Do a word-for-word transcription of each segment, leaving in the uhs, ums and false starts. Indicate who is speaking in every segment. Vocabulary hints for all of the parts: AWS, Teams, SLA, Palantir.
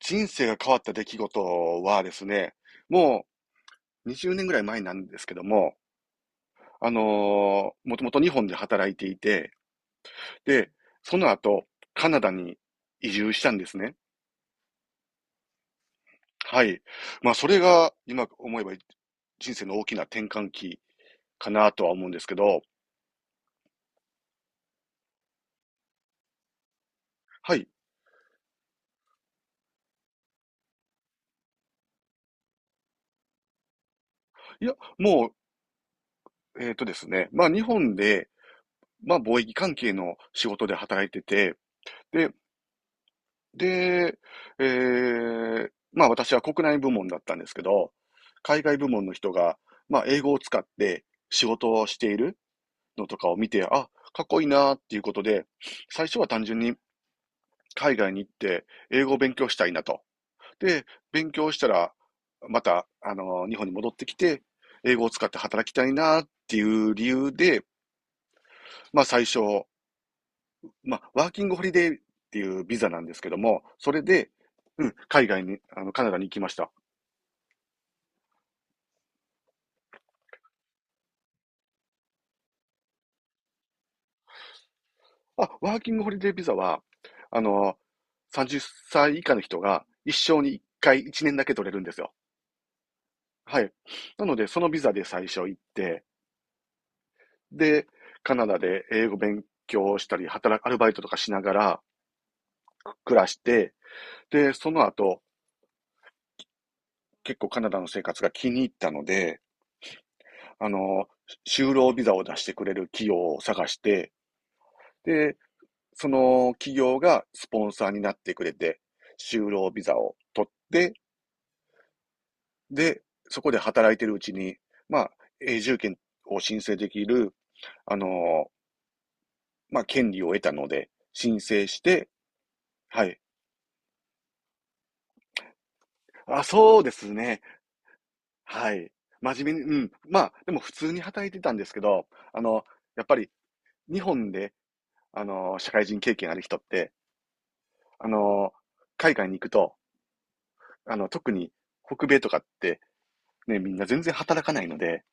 Speaker 1: 人生が変わった出来事はですね、もうにじゅうねんぐらい前なんですけども、あのーもともと日本で働いていて、で、その後、カナダに移住したんですね。はい。まあ、それが、今思えば人生の大きな転換期かなとは思うんですけど、はい。いや、もう、えっとですね、まあ、日本で、まあ、貿易関係の仕事で働いてて、で、で、えーまあ私は国内部門だったんですけど、海外部門の人が、まあ英語を使って仕事をしているのとかを見て、あ、かっこいいなっていうことで、最初は単純に海外に行って英語を勉強したいなと。で、勉強したら、また、あの、日本に戻ってきて、英語を使って働きたいなっていう理由で、まあ最初、まあ、ワーキングホリデーっていうビザなんですけども、それで、うん、海外に、あの、カナダに行きました。あ、ワーキングホリデービザは、あの、さんじゅっさい以下の人が一生にいっかいいちねんだけ取れるんですよ。はい。なので、そのビザで最初行って、で、カナダで英語勉強したり、働く、アルバイトとかしながら暮らして、で、その後、結構カナダの生活が気に入ったので、あの、就労ビザを出してくれる企業を探して、で、その企業がスポンサーになってくれて、就労ビザを取って、で、そこで働いてるうちに、まあ、永住権を申請できる、あのーまあ、権利を得たので、申請して、はい。あ、そうですね。はい。真面目に、うん。まあ、でも普通に働いてたんですけど、あの、やっぱり日本で、あの、社会人経験ある人って、あの、海外に行くと、あの、特に北米とかって、ね、みんな全然働かないので、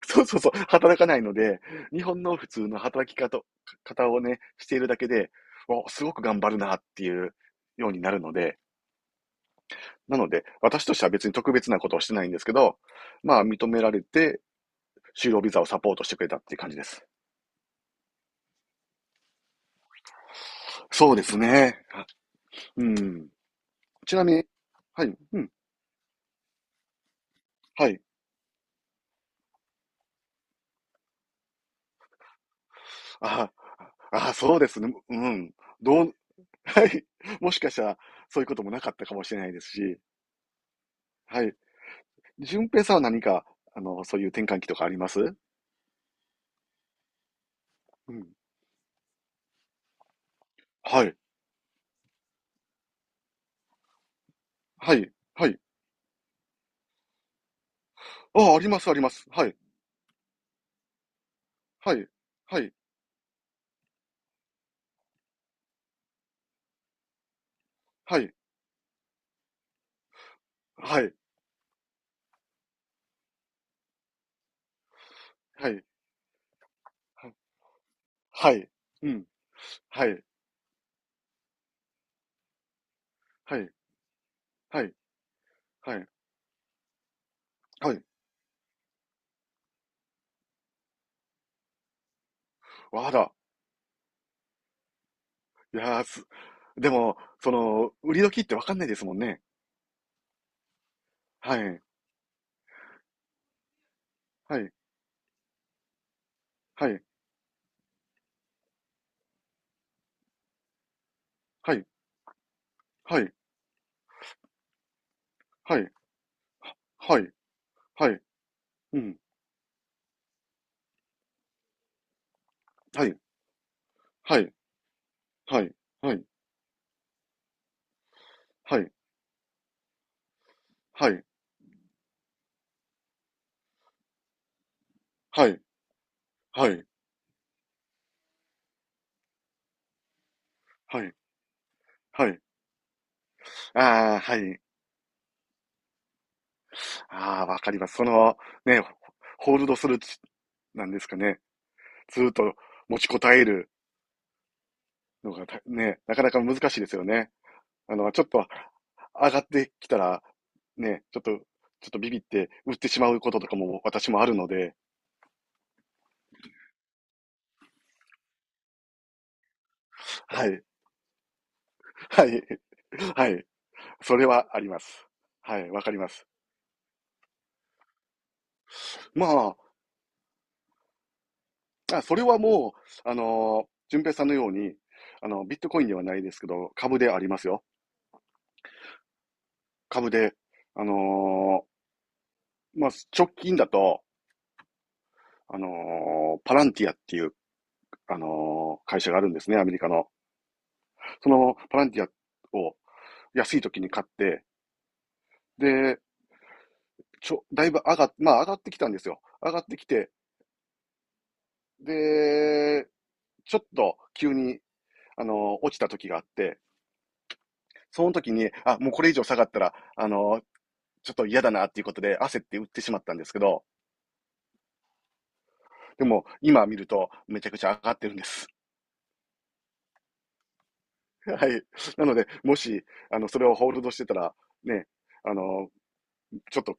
Speaker 1: そうそうそう、働かないので、日本の普通の働き方を、方をね、しているだけで、お、すごく頑張るなっていうようになるので、なので、私としては別に特別なことをしてないんですけど、まあ認められて、就労ビザをサポートしてくれたっていう感じです。そうですね。あうん。ちなみに、はい、うん、はい。あ、あ、そうですね。うん。どう、はい。もしかしたら、そういうこともなかったかもしれないですし、はい。順平さんは何か、あの、そういう転換期とかあります？うん。はい。はい。はい。ああ、あります、あります。はい。はい。はい。はい。はい。はい。はい。はい。うん。はい。はい。はい。はい。はい。わあら。いやーす。でも、その、売り時ってわかんないですもんね。はい。はい。はい。はい。はい。はい。はい。はい。うん。はい。はい。はい。はい。はい。はい。はい。はい。はい。はい。ああ、はい。ああ、わかります。その、ね、ホールドする、なんですかね。ずっと持ちこたえるのがた、ね、なかなか難しいですよね。あの、ちょっと上がってきたら、ね、ちょっと、ちょっとビビって売ってしまうこととかも私もあるので、はい、はい、はい。それはあります。はい、わかります。まあ、あそれはもう、あの、順平さんのように、あの、ビットコインではないですけど、株でありますよ。株で、あのまあ、直近だと、あのーパランティアっていう、あのー会社があるんですね、アメリカの。そのパランティアを安い時に買って、で、ちょ、だいぶ上がっ、まあ上がってきたんですよ。上がってきて、で、ちょっと急に、あのー落ちた時があって、その時に、あ、もうこれ以上下がったら、あのーちょっと嫌だなっていうことで焦って売ってしまったんですけど、でも今見るとめちゃくちゃ上がってるんです。はい。なので、もし、あの、それをホールドしてたら、ね、あの、ちょっと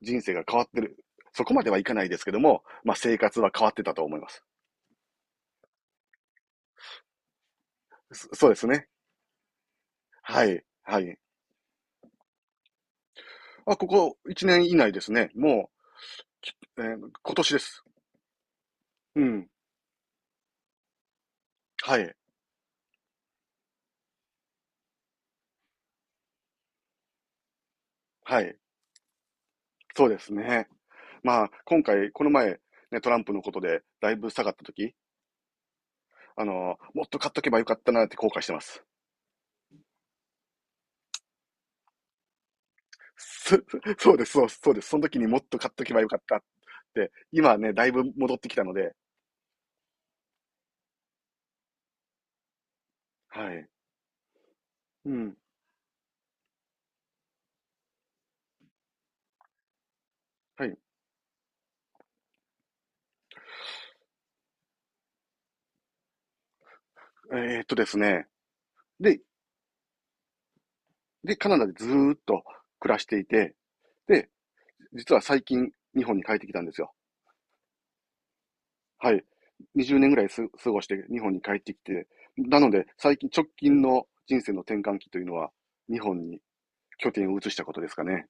Speaker 1: 人生が変わってる。そこまではいかないですけども、まあ、生活は変わってたと思います。そそうですね。はい。はい。あ、ここいちねん以内ですね。もう、えー今年です。うん。はい。はい。そうですね。まあ、今回、この前、ね、トランプのことで、だいぶ下がった時、あの、もっと買っとけばよかったなって後悔してます。そ そうです、そうです、そうです。その時にもっと買っとけばよかったっ、今ね、だいぶ戻ってきたので、はい。うん。はい。えーっとですね。で、で、カナダでずーっと暮らしていて、で、実は最近日本に帰ってきたんですよ。はい。にじゅうねんぐらいす過ごして日本に帰ってきて、なので最近直近の人生の転換期というのは日本に拠点を移したことですかね。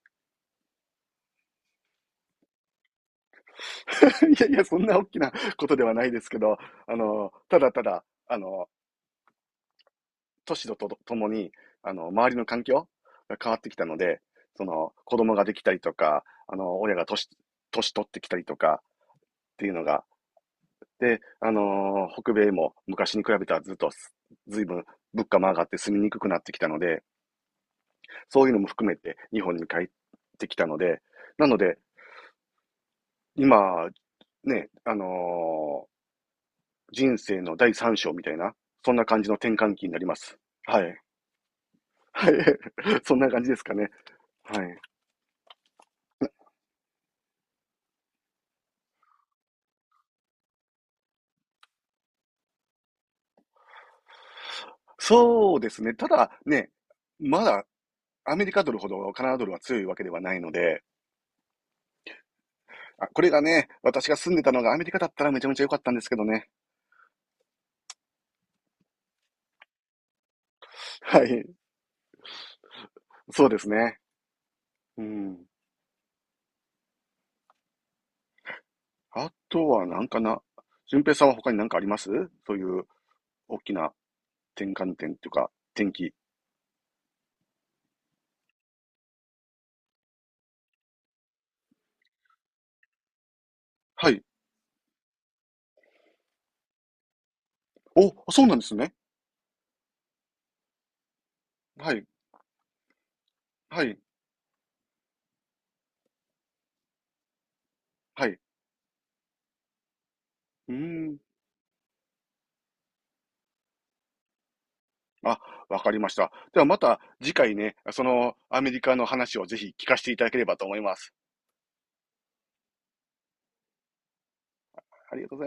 Speaker 1: いやいや、そんな大きなことではないですけど、あの、ただただ、あの、年ととともに、あの、周りの環境が変わってきたので、その、子供ができたりとか、あの、親が年、年取ってきたりとかっていうのが、で、あのー北米も昔に比べたらずっとずいぶん物価も上がって住みにくくなってきたので、そういうのも含めて日本に帰ってきたので、なので、今、ね、あのー人生の第三章みたいな、そんな感じの転換期になります。はい。はい。そんな感じですかね。はい。そうですね。ただね、まだアメリカドルほどカナダドルは強いわけではないので、あ、これがね、私が住んでたのがアメリカだったらめちゃめちゃ良かったんですけどね。はい。そうですね。うん。あとはなんかな、順平さんは他に何かあります？そういう大きな転換点というか、転機。はい。お、そうなんですね。はい。はい。はい。うーん。あ、わかりました。ではまた次回ね、そのアメリカの話をぜひ聞かせていただければと思います。ありがとうございます。